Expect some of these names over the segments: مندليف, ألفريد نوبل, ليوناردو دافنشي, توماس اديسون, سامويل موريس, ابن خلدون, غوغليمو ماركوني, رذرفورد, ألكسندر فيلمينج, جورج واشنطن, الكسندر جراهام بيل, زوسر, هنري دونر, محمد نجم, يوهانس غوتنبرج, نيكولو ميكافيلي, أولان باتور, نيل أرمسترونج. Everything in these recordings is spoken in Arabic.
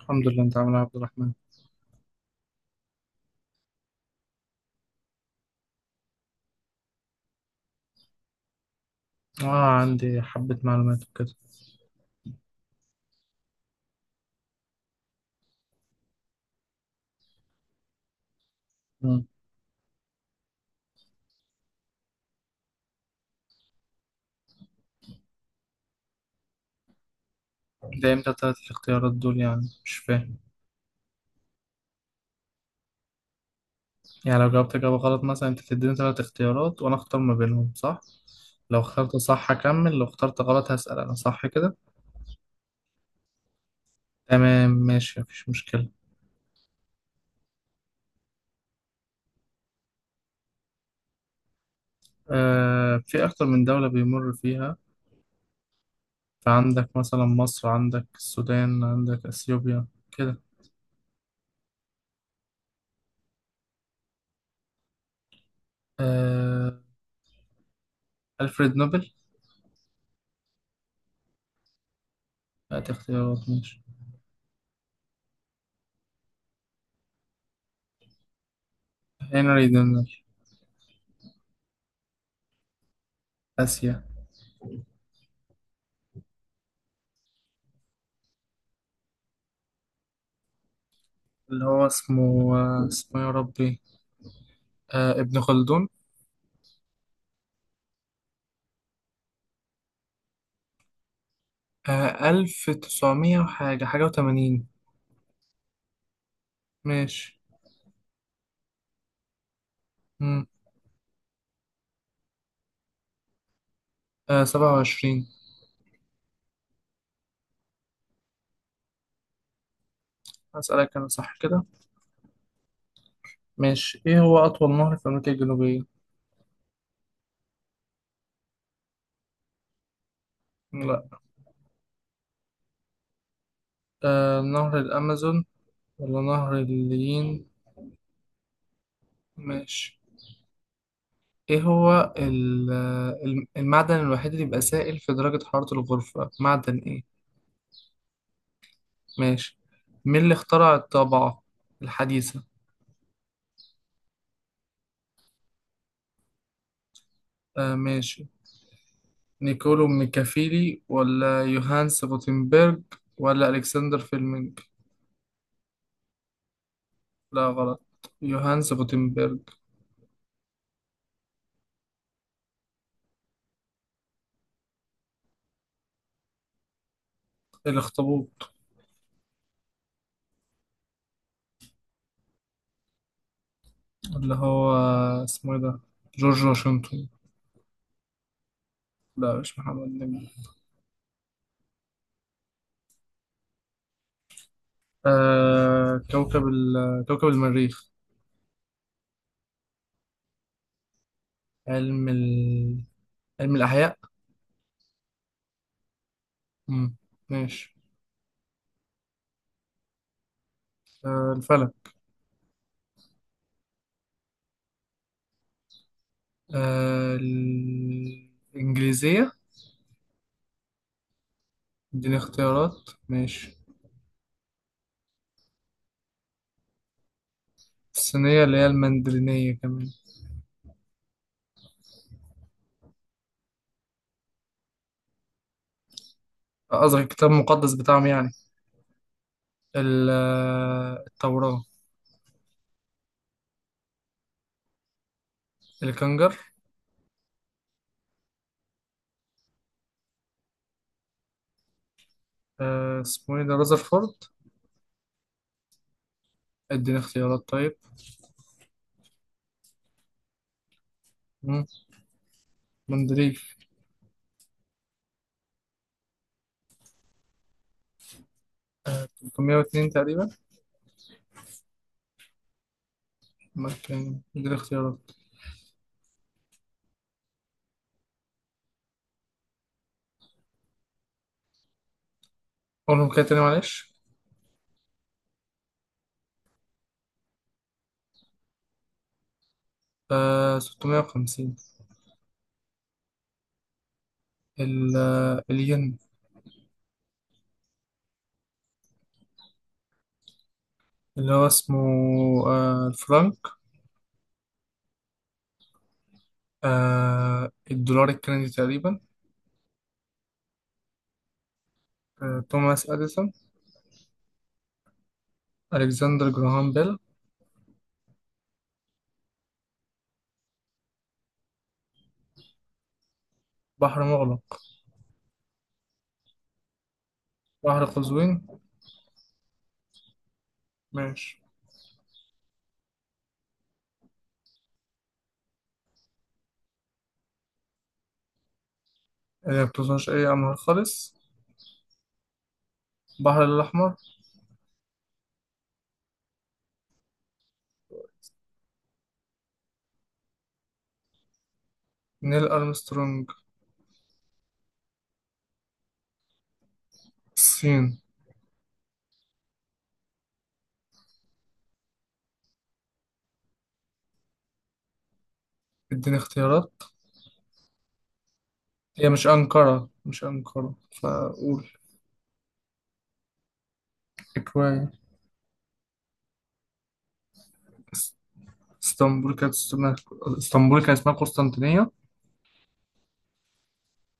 الحمد لله، انت عامل ايه يا عبد الرحمن؟ اه، عندي حبة معلومات وكده. مم. ده امتى تلات الاختيارات دول؟ يعني مش فاهم. يعني لو جاوبت اجابة غلط مثلا انت تديني تلات اختيارات وانا اختار ما بينهم صح؟ لو اخترت صح هكمل، لو اخترت غلط هسأل انا، صح كده؟ تمام، ماشي، مفيش مشكلة. في اكتر من دولة بيمر فيها. فعندك مثلا مصر، عندك السودان، عندك اثيوبيا، كده. آه ألفريد نوبل. هات اختيارات، ماشي. هنري دونر. آسيا. اللي هو اسمه، اسمه يا ربي، ابن خلدون. ألف تسعمية وحاجة حاجة وتمانين. ماشي. مم. سبعة وعشرين. هسألك أنا، صح كده؟ ماشي. إيه هو أطول نهر في أمريكا الجنوبية؟ لا. نهر الأمازون ولا نهر الليين؟ ماشي. إيه هو المعدن الوحيد اللي بيبقى سائل في درجة حرارة الغرفة؟ معدن إيه؟ ماشي. مين اللي اخترع الطبعة الحديثة؟ ماشي. نيكولو ميكافيلي، ولا يوهانس غوتنبرج، ولا ألكسندر فيلمينج؟ لا، غلط، يوهانس غوتنبرج. الأخطبوط. اللي هو اسمه إيه ده؟ جورج واشنطن. لا، مش محمد نجم. كوكب كوكب المريخ. علم علم الأحياء. مم. ماشي. الفلك. الإنجليزية. اديني اختيارات، ماشي. الصينية، اللي هي المندرينية كمان. قصدك الكتاب المقدس بتاعهم يعني؟ ال- التوراة. الكنجر. اسمه ايه ده؟ رذرفورد. اديني اختيارات طيب. مم. مندليف. 302 تقريبا. ما كان اديني اختيارات. قولهم كده تاني، معلش. 650. الين. اللي هو اسمه، الفرنك. الدولار الكندي تقريبا. توماس اديسون. الكسندر جراهام بيل. بحر مغلق. بحر قزوين. ماشي. ما بتوصلش اي انهار خالص. البحر الاحمر. نيل أرمسترونج. الصين. اديني اختيارات. هي مش أنقرة، مش أنقرة، فأقول. إكوان. إس- اسطنبول كانت اسمها اسطنبول كان اسمها قسطنطينية.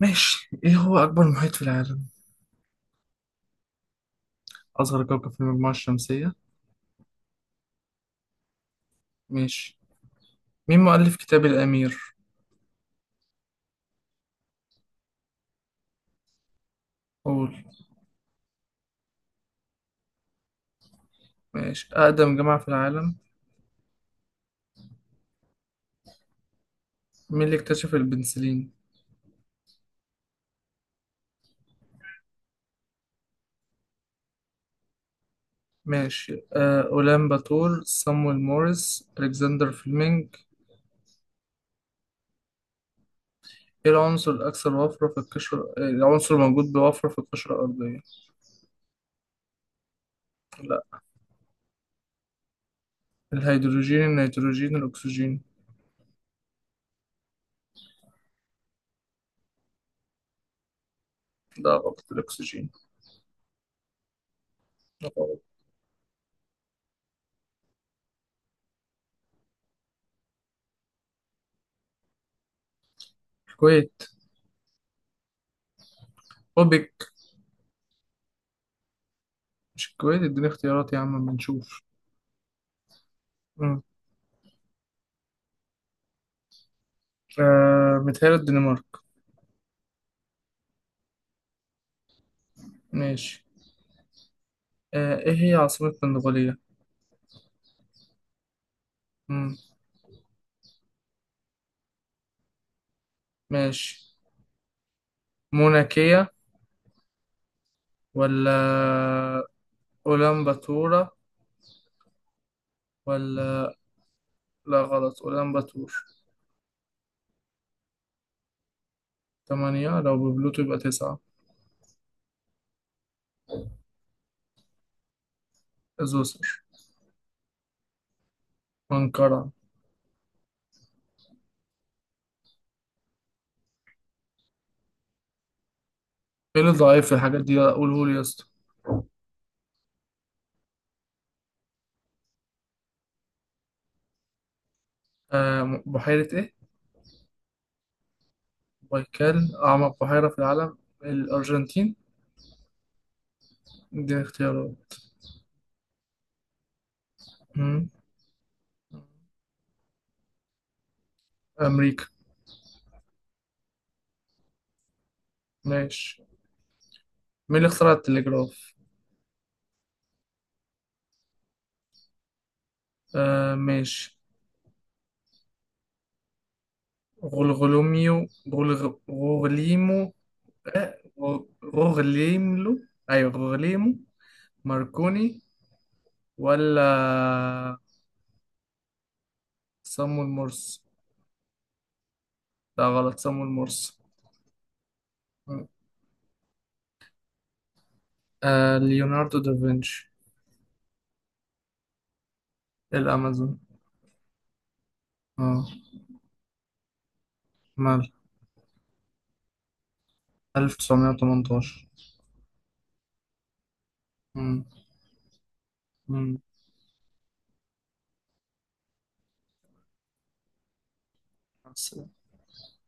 ماشي. إيه هو أكبر محيط في العالم؟ أصغر كوكب في المجموعة الشمسية؟ ماشي. مين مؤلف كتاب الأمير؟ قول. ماشي. أقدم جامعة في العالم؟ مين اللي اكتشف البنسلين؟ ماشي. أولان باتور، سامويل موريس، ألكسندر فليمنج؟ ايه العنصر الأكثر وفرة في القشرة إيه العنصر الموجود بوفرة في القشرة الأرضية؟ لا. الهيدروجين، النيتروجين، الأكسجين؟ لا، غلط، الأكسجين. غلط. الكويت. أوبك. مش الكويت؟ اديني اختيارات يا عم، بنشوف. مم. متهيألي الدنمارك. ماشي. ايه هي عاصمة منغوليا؟ مم. ماشي. موناكية، ولا أولانباتورا، ولا؟ لا، غلط، أولانباتور. تمانية، لو ببلوتو يبقى تسعة. زوسر. أنقرة. ايه اللي ضعيف في الحاجات دي؟ قوله لي يا اسطى. بحيرة ايه؟ بايكال، أعمق بحيرة في العالم، الأرجنتين. دي اختيارات؟ مم. أمريكا. ماشي. مين اللي اخترع التلجراف؟ ماشي. غلغلوميو، غوغليمو، آه، غو- غوغليملو، أيوة، غوغليمو ماركوني ولا صامويل مرس؟ لا، غلط، صامويل مرس. ليوناردو دافنشي. الأمازون. اه. مال. 1918. امم. امم، بس.